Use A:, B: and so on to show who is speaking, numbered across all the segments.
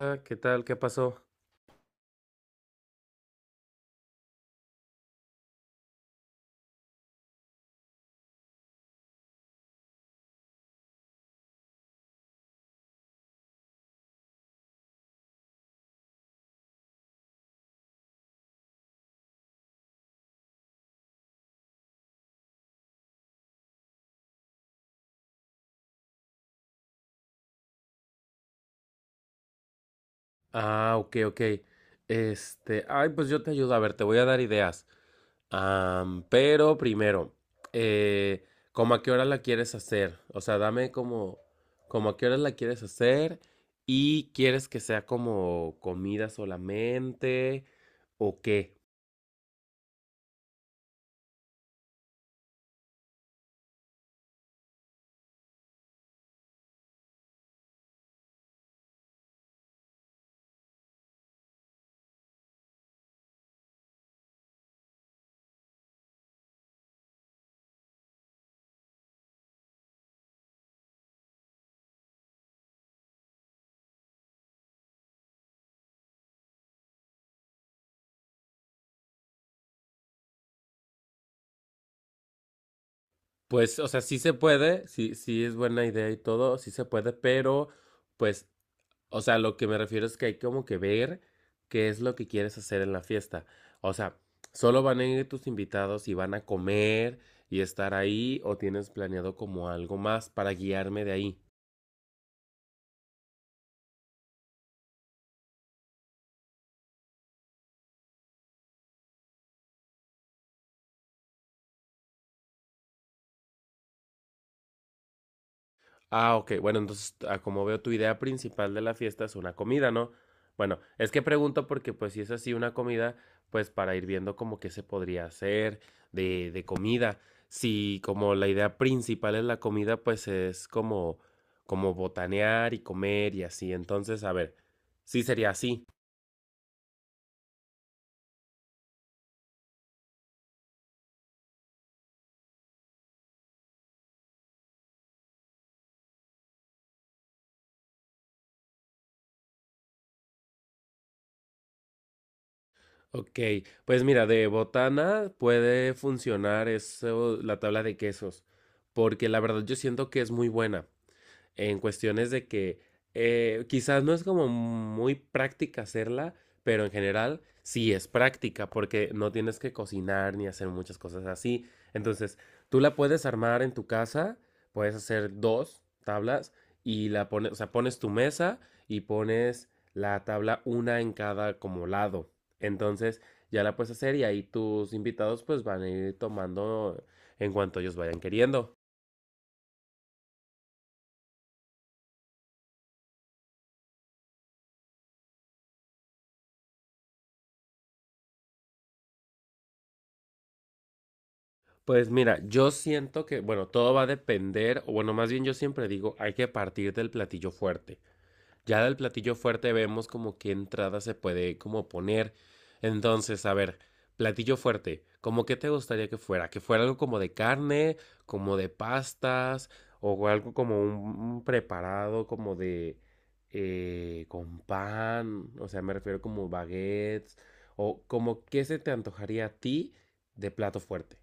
A: ¿Qué tal? ¿Qué pasó? Ah, ok, ok. Ay, pues yo te ayudo. A ver, te voy a dar ideas. Pero primero, eh, ¿cómo a qué hora la quieres hacer? O sea, dame como, como a qué hora la quieres hacer y quieres que sea como comida solamente o qué. Pues, o sea, sí se puede, sí, sí es buena idea y todo, sí se puede, pero pues o sea, lo que me refiero es que hay como que ver qué es lo que quieres hacer en la fiesta. O sea, ¿solo van a ir tus invitados y van a comer y estar ahí o tienes planeado como algo más para guiarme de ahí? Ah, ok. Bueno, entonces, ah, como veo, tu idea principal de la fiesta es una comida, ¿no? Bueno, es que pregunto porque, pues, si es así una comida, pues, para ir viendo como qué se podría hacer de comida. Si como la idea principal es la comida, pues es como, como botanear y comer y así. Entonces, a ver, sí sería así. Ok, pues mira, de botana puede funcionar eso, la tabla de quesos, porque la verdad yo siento que es muy buena, en cuestiones de que quizás no es como muy práctica hacerla, pero en general sí es práctica porque no tienes que cocinar ni hacer muchas cosas así. Entonces, tú la puedes armar en tu casa, puedes hacer dos tablas y la pones, o sea, pones tu mesa y pones la tabla una en cada como lado. Entonces, ya la puedes hacer y ahí tus invitados pues van a ir tomando en cuanto ellos vayan queriendo. Pues mira, yo siento que, bueno, todo va a depender, o bueno, más bien yo siempre digo, hay que partir del platillo fuerte. Ya del platillo fuerte vemos como qué entrada se puede como poner. Entonces, a ver, platillo fuerte, ¿cómo qué te gustaría que fuera? ¿Que fuera algo como de carne, como de pastas, o algo como un preparado como de con pan? O sea, me refiero como baguettes, o como qué se te antojaría a ti de plato fuerte.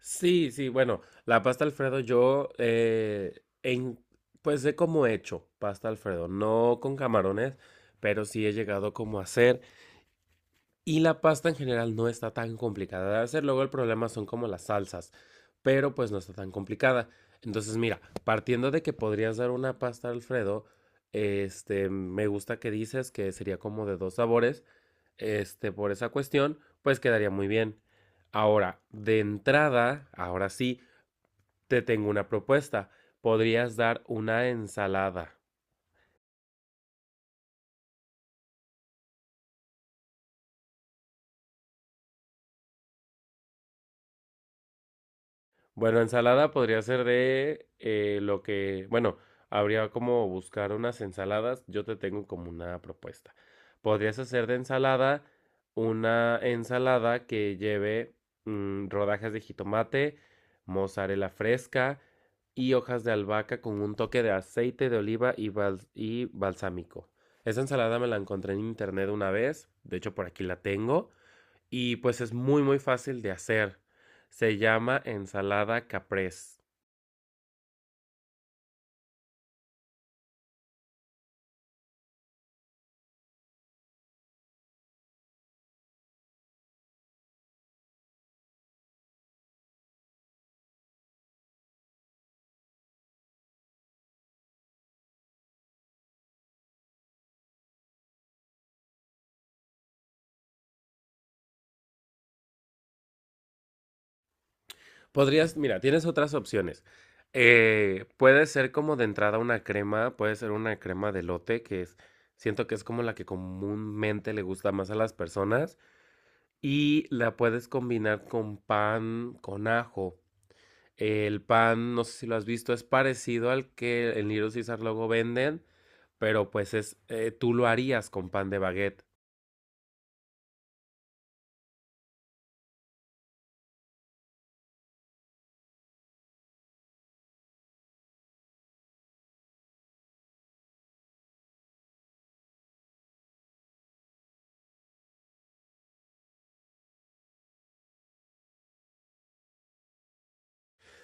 A: Sí, sí, bueno, la pasta Alfredo yo pues sé cómo he hecho pasta Alfredo, no con camarones, pero sí he llegado como a hacer y la pasta en general no está tan complicada de hacer, luego el problema son como las salsas, pero pues no está tan complicada. Entonces mira, partiendo de que podrías dar una pasta Alfredo, este, me gusta que dices que sería como de dos sabores, este, por esa cuestión, pues quedaría muy bien. Ahora, de entrada, ahora sí. Te tengo una propuesta. Podrías dar una ensalada. Bueno, ensalada podría ser de lo que, bueno, habría como buscar unas ensaladas. Yo te tengo como una propuesta. Podrías hacer de ensalada una ensalada que lleve rodajas de jitomate, mozzarella fresca y hojas de albahaca con un toque de aceite de oliva y, balsámico. Esa ensalada me la encontré en internet una vez, de hecho por aquí la tengo. Y pues es muy muy fácil de hacer. Se llama ensalada caprese. Podrías, mira, tienes otras opciones. Puede ser como de entrada una crema, puede ser una crema de lote que es, siento que es como la que comúnmente le gusta más a las personas y la puedes combinar con pan con ajo. El pan, no sé si lo has visto, es parecido al que en Little Caesar luego venden, pero tú lo harías con pan de baguette.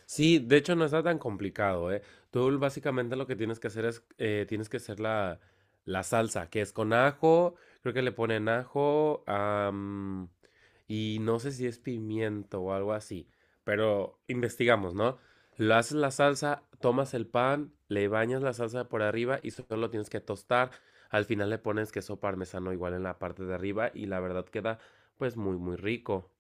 A: Sí, de hecho no está tan complicado, ¿eh? Tú básicamente lo que tienes que hacer es, tienes que hacer la salsa, que es con ajo, creo que le ponen ajo, y no sé si es pimiento o algo así, pero investigamos, ¿no? Lo haces la salsa, tomas el pan, le bañas la salsa por arriba y solo lo tienes que tostar. Al final le pones queso parmesano igual en la parte de arriba y la verdad queda pues muy muy rico.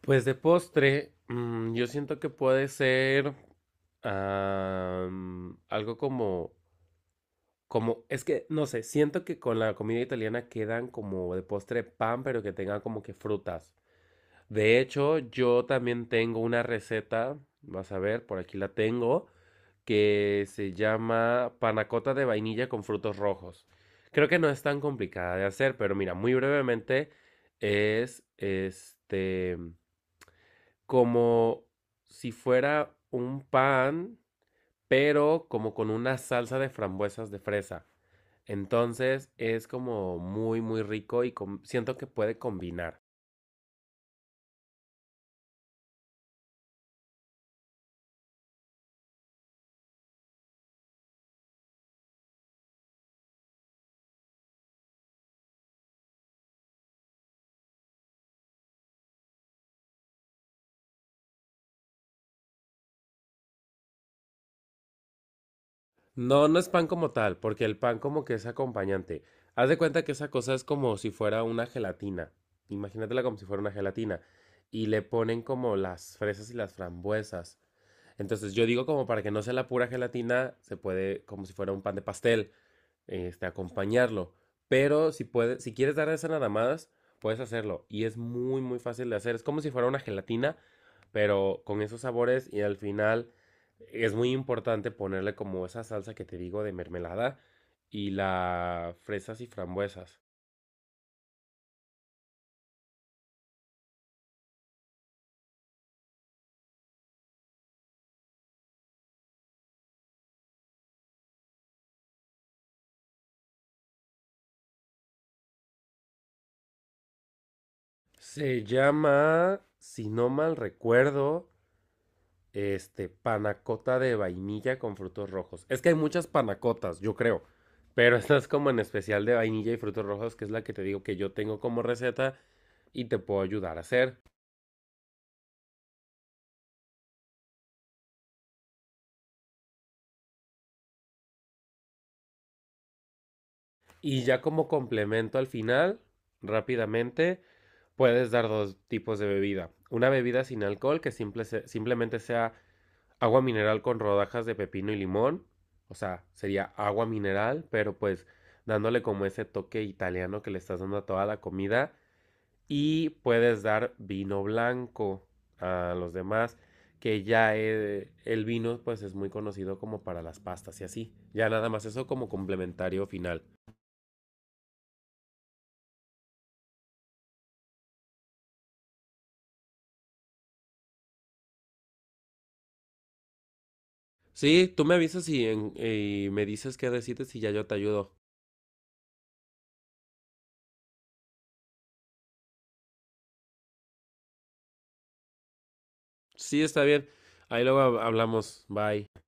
A: Pues de postre, yo siento que puede ser algo como, como, es que no sé, siento que con la comida italiana quedan como de postre pan, pero que tengan como que frutas. De hecho, yo también tengo una receta, vas a ver, por aquí la tengo, que se llama panacota de vainilla con frutos rojos. Creo que no es tan complicada de hacer, pero mira, muy brevemente es como si fuera un pan, pero como con una salsa de frambuesas de fresa. Entonces es como muy, muy rico y siento que puede combinar. No, no es pan como tal, porque el pan como que es acompañante. Haz de cuenta que esa cosa es como si fuera una gelatina. Imagínatela como si fuera una gelatina. Y le ponen como las fresas y las frambuesas. Entonces yo digo como para que no sea la pura gelatina, se puede como si fuera un pan de pastel, este, acompañarlo. Pero si, puedes, si quieres dar esas nadadas, puedes hacerlo. Y es muy, muy fácil de hacer. Es como si fuera una gelatina, pero con esos sabores. Y al final es muy importante ponerle como esa salsa que te digo de mermelada y las fresas y frambuesas. Se llama, si no mal recuerdo, este, panacota de vainilla con frutos rojos. Es que hay muchas panacotas, yo creo. Pero esta es como en especial de vainilla y frutos rojos, que es la que te digo que yo tengo como receta y te puedo ayudar a hacer. Y ya como complemento al final, rápidamente, puedes dar dos tipos de bebida. Una bebida sin alcohol que simplemente sea agua mineral con rodajas de pepino y limón. O sea, sería agua mineral, pero pues dándole como ese toque italiano que le estás dando a toda la comida. Y puedes dar vino blanco a los demás, que ya el vino pues es muy conocido como para las pastas y así. Ya nada más eso como complementario final. Sí, tú me avisas y me dices qué decides y ya yo te ayudo. Sí, está bien. Ahí luego hablamos. Bye.